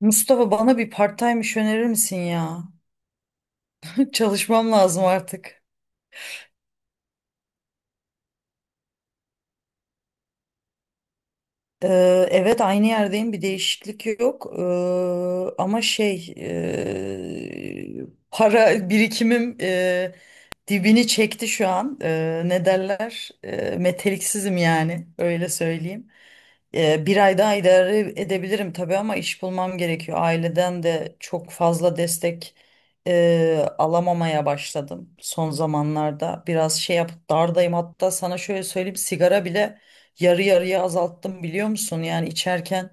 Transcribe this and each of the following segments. Mustafa bana bir part-time iş önerir misin ya? Çalışmam lazım artık. Evet aynı yerdeyim, bir değişiklik yok. Ama şey Para birikimim dibini çekti şu an. Ne derler? Meteliksizim yani, öyle söyleyeyim. Bir ay daha idare edebilirim tabii, ama iş bulmam gerekiyor. Aileden de çok fazla destek alamamaya başladım son zamanlarda. Biraz şey yap dardayım, hatta sana şöyle söyleyeyim, sigara bile yarı yarıya azalttım, biliyor musun? Yani içerken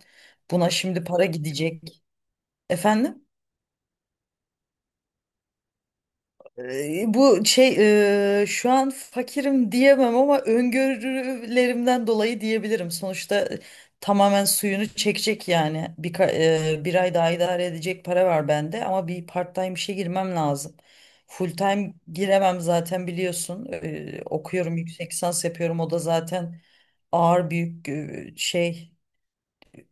buna şimdi para gidecek. Efendim? Bu şu an fakirim diyemem, ama öngörülerimden dolayı diyebilirim. Sonuçta tamamen suyunu çekecek yani. Bir ay daha idare edecek para var bende, ama bir part-time işe girmem lazım. Full time giremem zaten, biliyorsun. Okuyorum, yüksek lisans yapıyorum, o da zaten ağır, büyük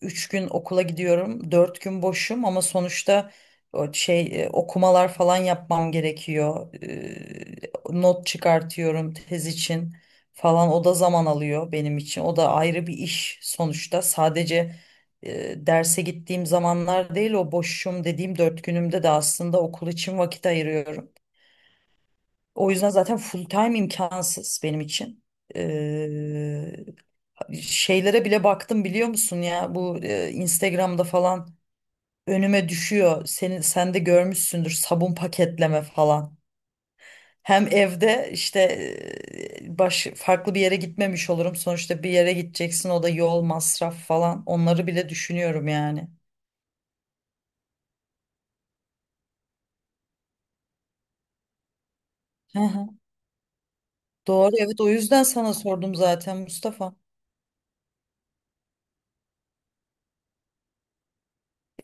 üç gün okula gidiyorum, 4 gün boşum, ama sonuçta okumalar falan yapmam gerekiyor. Not çıkartıyorum tez için falan, o da zaman alıyor benim için. O da ayrı bir iş sonuçta. Sadece derse gittiğim zamanlar değil, o boşum dediğim 4 günümde de aslında okul için vakit ayırıyorum. O yüzden zaten full time imkansız benim için. Şeylere bile baktım, biliyor musun ya, bu Instagram'da falan önüme düşüyor. Sen de görmüşsündür, sabun paketleme falan. Hem evde işte baş farklı bir yere gitmemiş olurum. Sonuçta bir yere gideceksin, o da yol masraf falan. Onları bile düşünüyorum yani. Hı hı. Doğru, evet, o yüzden sana sordum zaten Mustafa.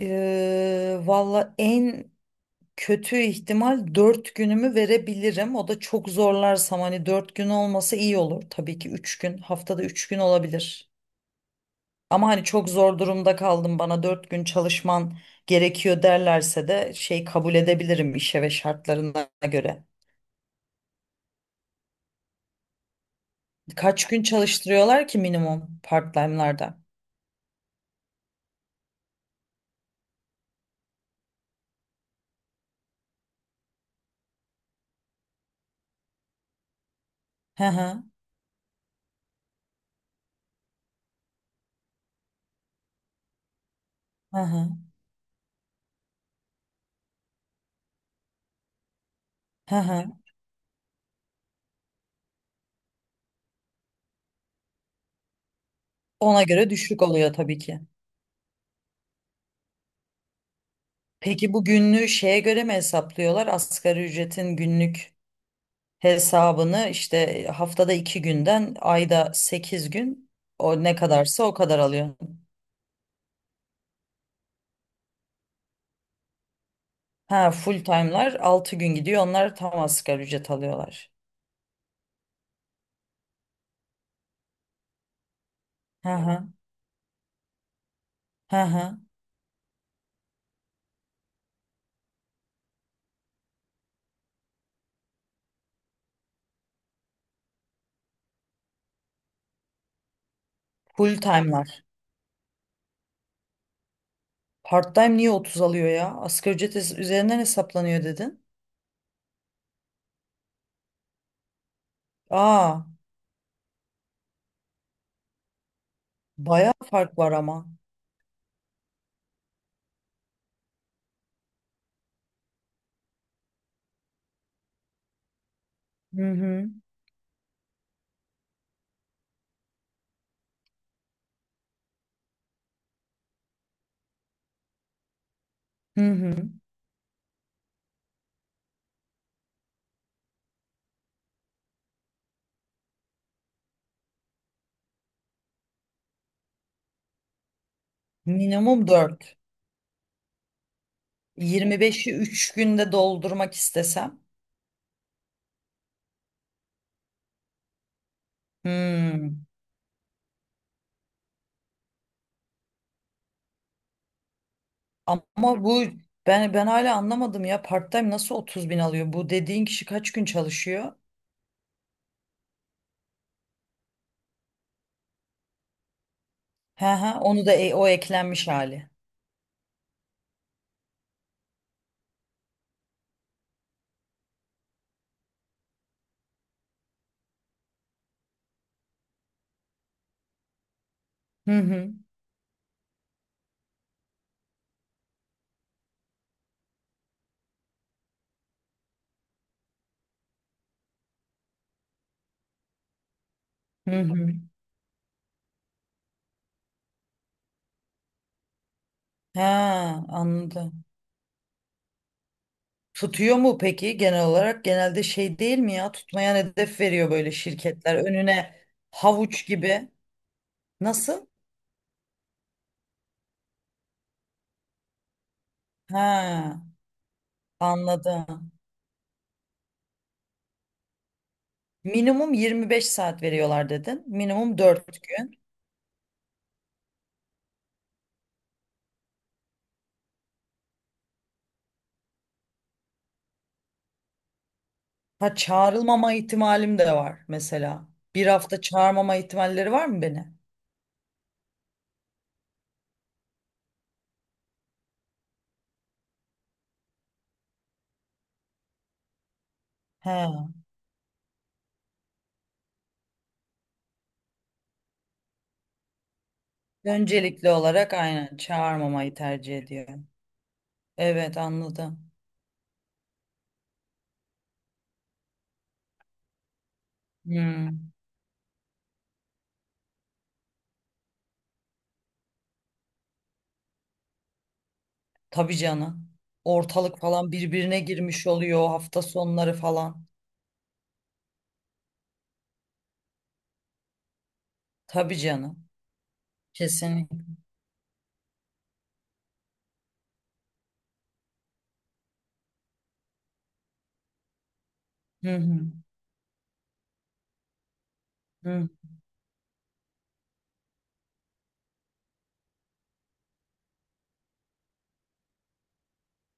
Valla en kötü ihtimal dört günümü verebilirim. O da çok zorlarsam, hani dört gün olması iyi olur. Tabii ki üç gün, haftada üç gün olabilir. Ama hani çok zor durumda kaldım, bana dört gün çalışman gerekiyor derlerse de şey, kabul edebilirim işe ve şartlarına göre. Kaç gün çalıştırıyorlar ki minimum part-time'larda? Hı hı, hı hı, hı hı. Ona göre düşük oluyor tabii ki. Peki bu günlüğü şeye göre mi hesaplıyorlar? Asgari ücretin günlük hesabını işte, haftada iki günden ayda sekiz gün, o ne kadarsa o kadar alıyor. Ha, full time'lar altı gün gidiyor. Onlar tam asgari ücret alıyorlar. Hı hı. Hı hı. Full time'lar. Part time niye 30 alıyor ya? Asgari ücret üzerinden hesaplanıyor dedin. Aa, bayağı fark var ama. Hı hı. Hı hı. Minimum 4. 25'i 3 günde doldurmak istesem. Hmm. Ama bu ben hala anlamadım ya, part-time nasıl 30 bin alıyor? Bu dediğin kişi kaç gün çalışıyor? Ha ha, onu da o eklenmiş hali. Hı hı. Hı hı. Ha, anladım. Tutuyor mu peki genel olarak? Genelde şey değil mi ya, tutmayan hedef veriyor böyle şirketler önüne, havuç gibi. Nasıl? Ha, anladım. Minimum 25 saat veriyorlar dedin. Minimum dört gün. Ha, çağrılmama ihtimalim de var mesela. Bir hafta çağırmama ihtimalleri var mı beni? He. Öncelikli olarak aynen çağırmamayı tercih ediyorum. Evet, anladım. Hmm. Tabii canım. Ortalık falan birbirine girmiş oluyor hafta sonları falan. Tabii canım. Kesinlikle. Hı hı. Hı hı.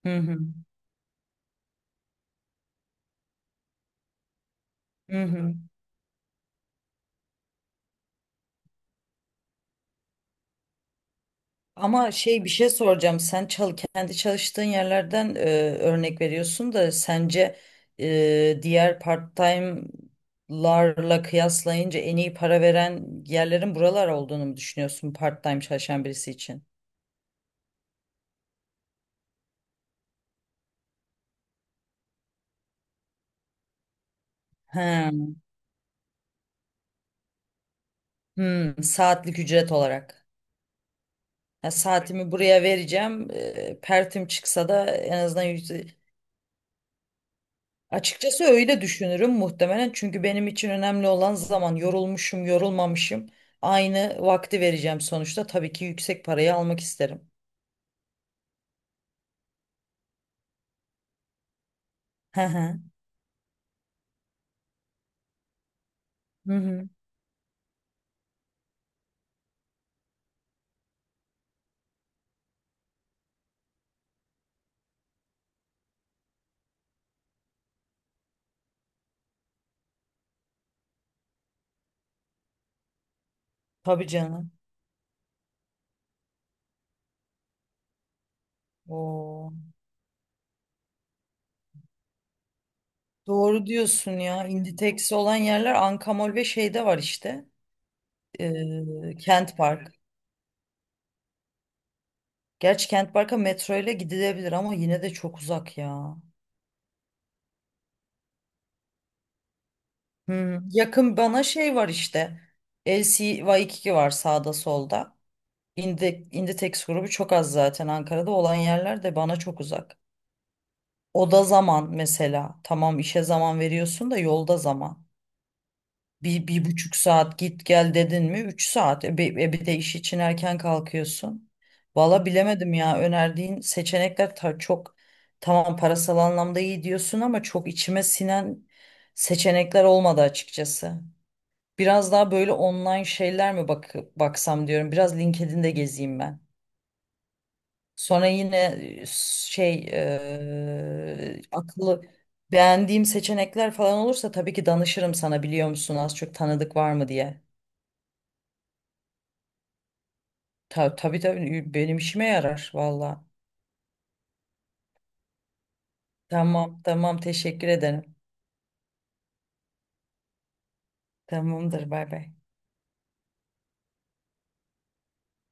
Hı hı. Hı hı. Ama şey, bir şey soracağım. Sen kendi çalıştığın yerlerden örnek veriyorsun da, sence diğer part-time'larla kıyaslayınca en iyi para veren yerlerin buralar olduğunu mu düşünüyorsun part-time çalışan birisi için? He. Hmm, saatlik ücret olarak. Ya, saatimi buraya vereceğim. Pertim çıksa da en azından. Açıkçası öyle düşünürüm muhtemelen, çünkü benim için önemli olan zaman, yorulmuşum yorulmamışım aynı vakti vereceğim sonuçta, tabii ki yüksek parayı almak isterim. Hı hı. Hı hı. Tabii canım. Oo. Doğru diyorsun ya, Inditex olan yerler Ankamol ve şeyde var işte, Kent Park. Gerçi Kent Park'a metro ile gidilebilir ama yine de çok uzak ya. Hı. Yakın bana şey var işte, LCY2 var sağda solda. İnditex grubu çok az zaten, Ankara'da olan yerler de bana çok uzak. Oda zaman mesela. Tamam işe zaman veriyorsun da yolda zaman. Bir, bir buçuk saat git gel dedin mi? Üç saat. Bir de iş için erken kalkıyorsun. Valla bilemedim ya, önerdiğin seçenekler çok, tamam parasal anlamda iyi diyorsun ama çok içime sinen seçenekler olmadı açıkçası. Biraz daha böyle online şeyler mi baksam diyorum. Biraz LinkedIn'de gezeyim ben. Sonra yine e, şey e, akıllı beğendiğim seçenekler falan olursa tabii ki danışırım sana, biliyor musun, az çok tanıdık var mı diye. Tabii tabii, benim işime yarar valla. Tamam, teşekkür ederim. Tamamdır, bay bay.